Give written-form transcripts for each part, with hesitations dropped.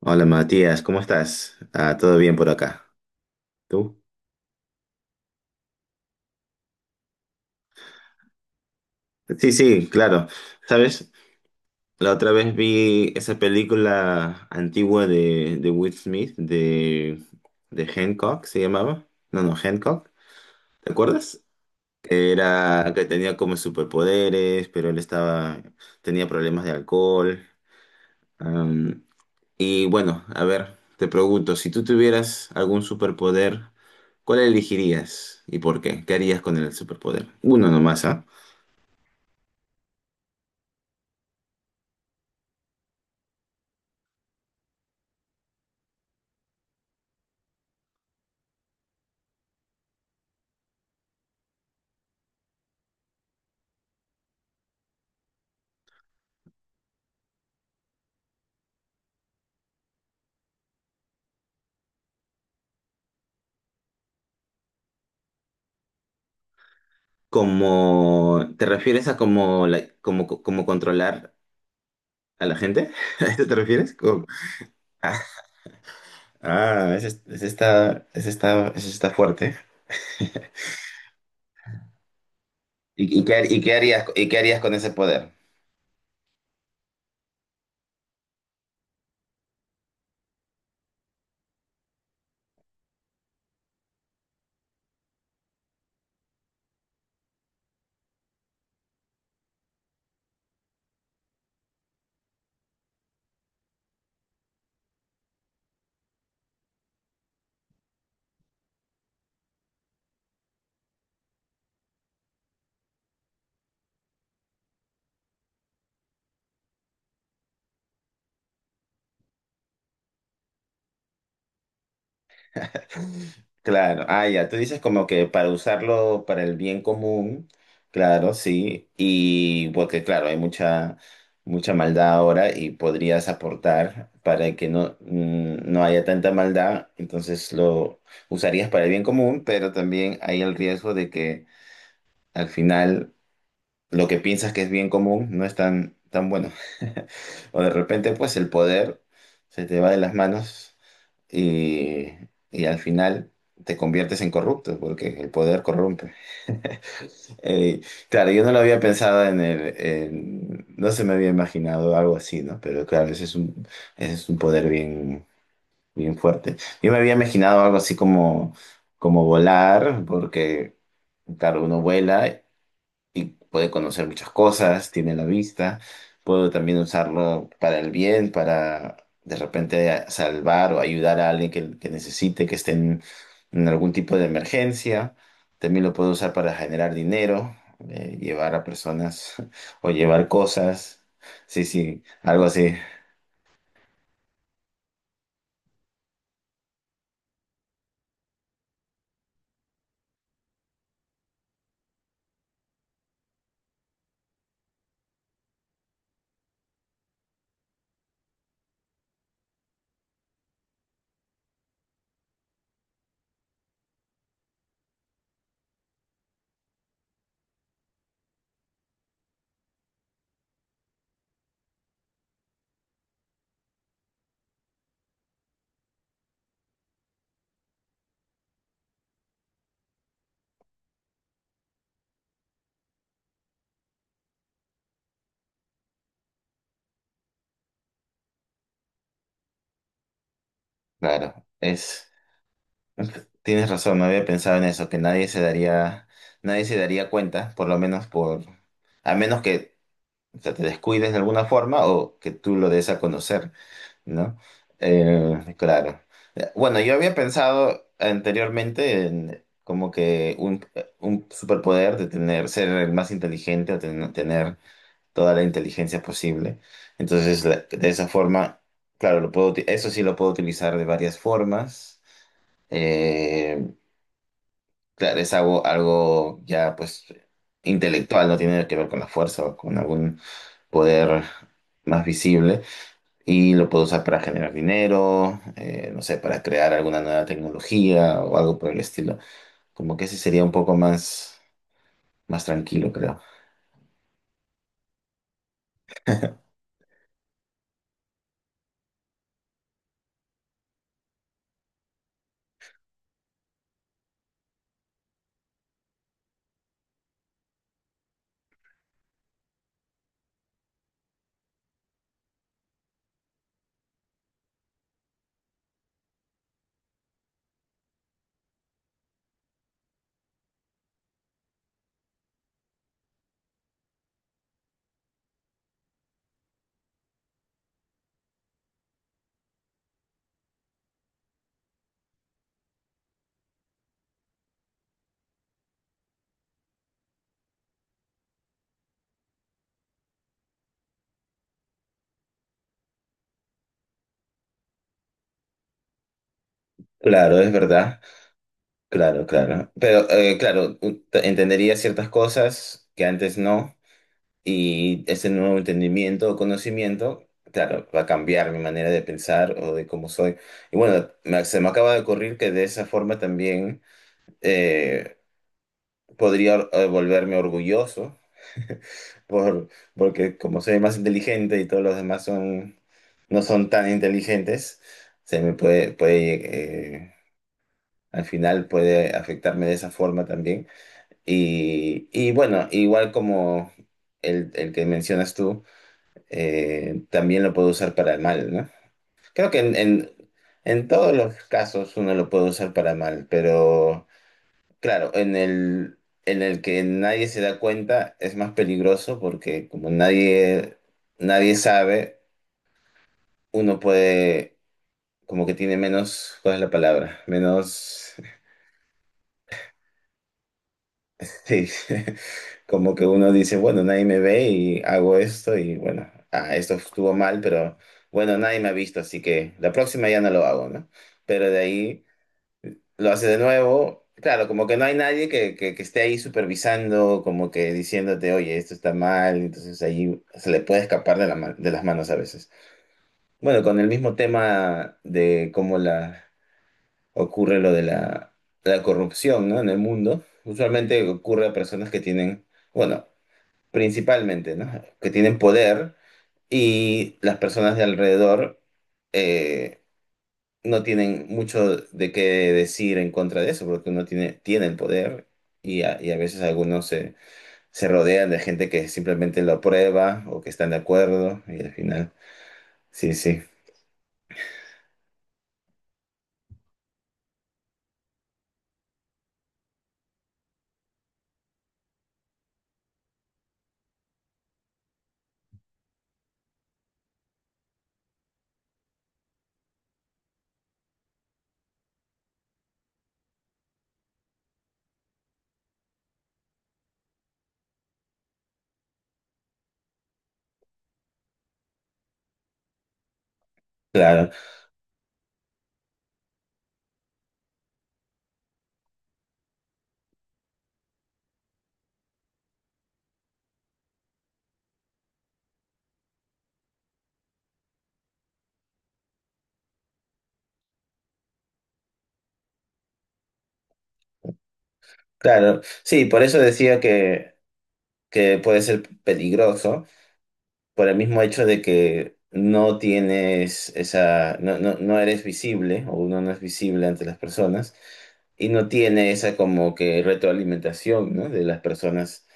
Hola Matías, ¿cómo estás? Ah, ¿todo bien por acá? ¿Tú? Sí, sí, claro. ¿Sabes? La otra vez vi esa película antigua de Will Smith, de Hancock, se llamaba. No, no, Hancock. ¿Te acuerdas? Que era que tenía como superpoderes, pero él estaba, tenía problemas de alcohol. Y bueno, a ver, te pregunto, si tú tuvieras algún superpoder, ¿cuál elegirías y por qué? ¿Qué harías con el superpoder? Uno nomás, ¿ah? Como, ¿te refieres a como, como, como controlar a la gente? ¿A eso te refieres? Como... Ah, ah, ese está fuerte. ¿Y, y qué harías con ese poder? Claro, ah, ya, tú dices como que para usarlo para el bien común, claro, sí, y porque claro, hay mucha, mucha maldad ahora y podrías aportar para que no, no haya tanta maldad, entonces lo usarías para el bien común, pero también hay el riesgo de que al final lo que piensas que es bien común no es tan, tan bueno. O de repente, pues el poder se te va de las manos y, y al final te conviertes en corrupto, porque el poder corrompe. Eh, claro, yo no lo había pensado en el, no se me había imaginado algo así, ¿no? Pero claro, ese es un poder bien, bien fuerte. Yo me había imaginado algo así como, como volar, porque, claro, uno vuela y puede conocer muchas cosas, tiene la vista, puedo también usarlo para el bien, para de repente salvar o ayudar a alguien que necesite, que esté en algún tipo de emergencia. También lo puedo usar para generar dinero, llevar a personas o llevar cosas. Sí, sí, algo así. Claro, es, tienes razón, no había pensado en eso, que nadie se daría, nadie se daría cuenta, por lo menos por, a menos que o sea, te descuides de alguna forma o que tú lo des a conocer, ¿no? Claro. Bueno, yo había pensado anteriormente en como que un superpoder de tener, ser el más inteligente o tener toda la inteligencia posible. Entonces, de esa forma, claro, lo puedo, eso sí lo puedo utilizar de varias formas. Eh, Claro, es algo, algo ya pues intelectual, no tiene que ver con la fuerza o con algún poder más visible. Y lo puedo usar para generar dinero, no sé, para crear alguna nueva tecnología o algo por el estilo. Como que ese sería un poco más, más tranquilo, creo. Claro, es verdad. Claro, claro. Pero claro, entendería ciertas cosas que antes no. Y ese nuevo entendimiento o conocimiento, claro, va a cambiar mi manera de pensar o de cómo soy. Y bueno, se me acaba de ocurrir que de esa forma también eh, podría volverme orgulloso, por, porque como soy más inteligente y todos los demás son, no son tan inteligentes, se me puede, puede al final puede afectarme de esa forma también. Y bueno, igual como el que mencionas tú también lo puedo usar para el mal, ¿no? Creo que en todos los casos uno lo puede usar para mal, pero claro, en el que nadie se da cuenta es más peligroso porque como nadie, nadie sabe, uno puede, como que tiene menos, ¿cuál es la palabra? Menos... Sí, como que uno dice, bueno, nadie me ve y hago esto y bueno, ah, esto estuvo mal, pero bueno, nadie me ha visto, así que la próxima ya no lo hago, ¿no? Pero de ahí lo hace de nuevo, claro, como que no hay nadie que esté ahí supervisando, como que diciéndote, oye, esto está mal, entonces ahí se le puede escapar de de las manos a veces. Bueno, con el mismo tema de cómo la, ocurre lo de la, la corrupción, ¿no? En el mundo, usualmente ocurre a personas que tienen... Bueno, principalmente, ¿no? Que tienen poder y las personas de alrededor eh, no tienen mucho de qué decir en contra de eso, porque uno tiene, tiene el poder y a veces algunos se, se rodean de gente que simplemente lo aprueba o que están de acuerdo y al final, sí, sí, claro, claro, sí, por eso decía que puede ser peligroso. Por el mismo hecho de que no tienes esa, no, no, no eres visible o uno no es visible ante las personas, y no tiene esa como que retroalimentación, ¿no? De las personas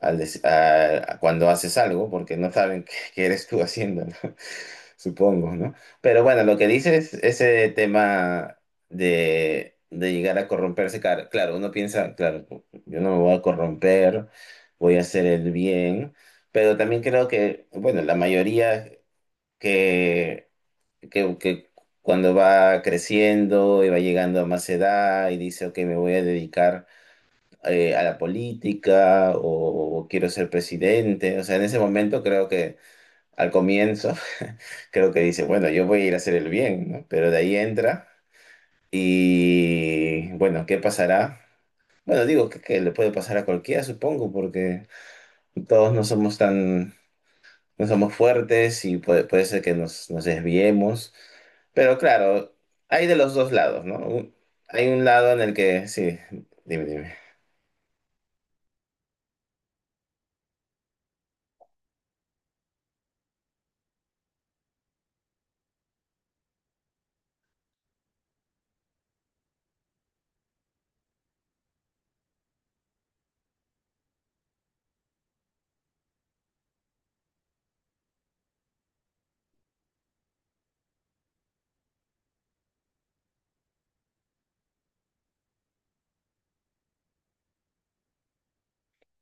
al des- a- cuando haces algo, porque no saben qué, qué eres tú haciendo, ¿no? Supongo, ¿no? Pero bueno, lo que dices, ese tema de llegar a corromperse, claro, uno piensa, claro, yo no me voy a corromper, voy a hacer el bien, pero también creo que, bueno, la mayoría que que cuando va creciendo y va llegando a más edad y dice, ok, me voy a dedicar a la política o quiero ser presidente. O sea, en ese momento creo que al comienzo, creo que dice, bueno, yo voy a ir a hacer el bien, ¿no? Pero de ahí entra y bueno, ¿qué pasará? Bueno, digo que le puede pasar a cualquiera, supongo, porque todos no somos tan no somos fuertes y puede, puede ser que nos, nos desviemos. Pero claro, hay de los dos lados, ¿no? Un... Hay un lado en el que, sí, dime, dime.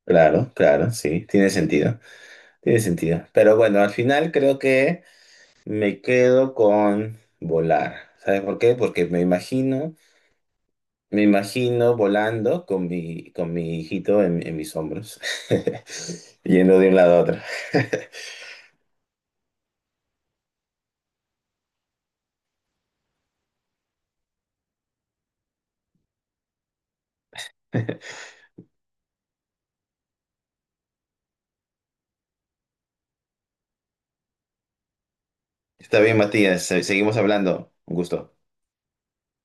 Claro, claro, sí, tiene sentido, tiene sentido. Pero bueno, al final creo que me quedo con volar. ¿Sabes por qué? Porque me imagino volando con mi hijito en mis hombros, yendo de un lado a otro. Está bien, Matías, seguimos hablando. Un gusto.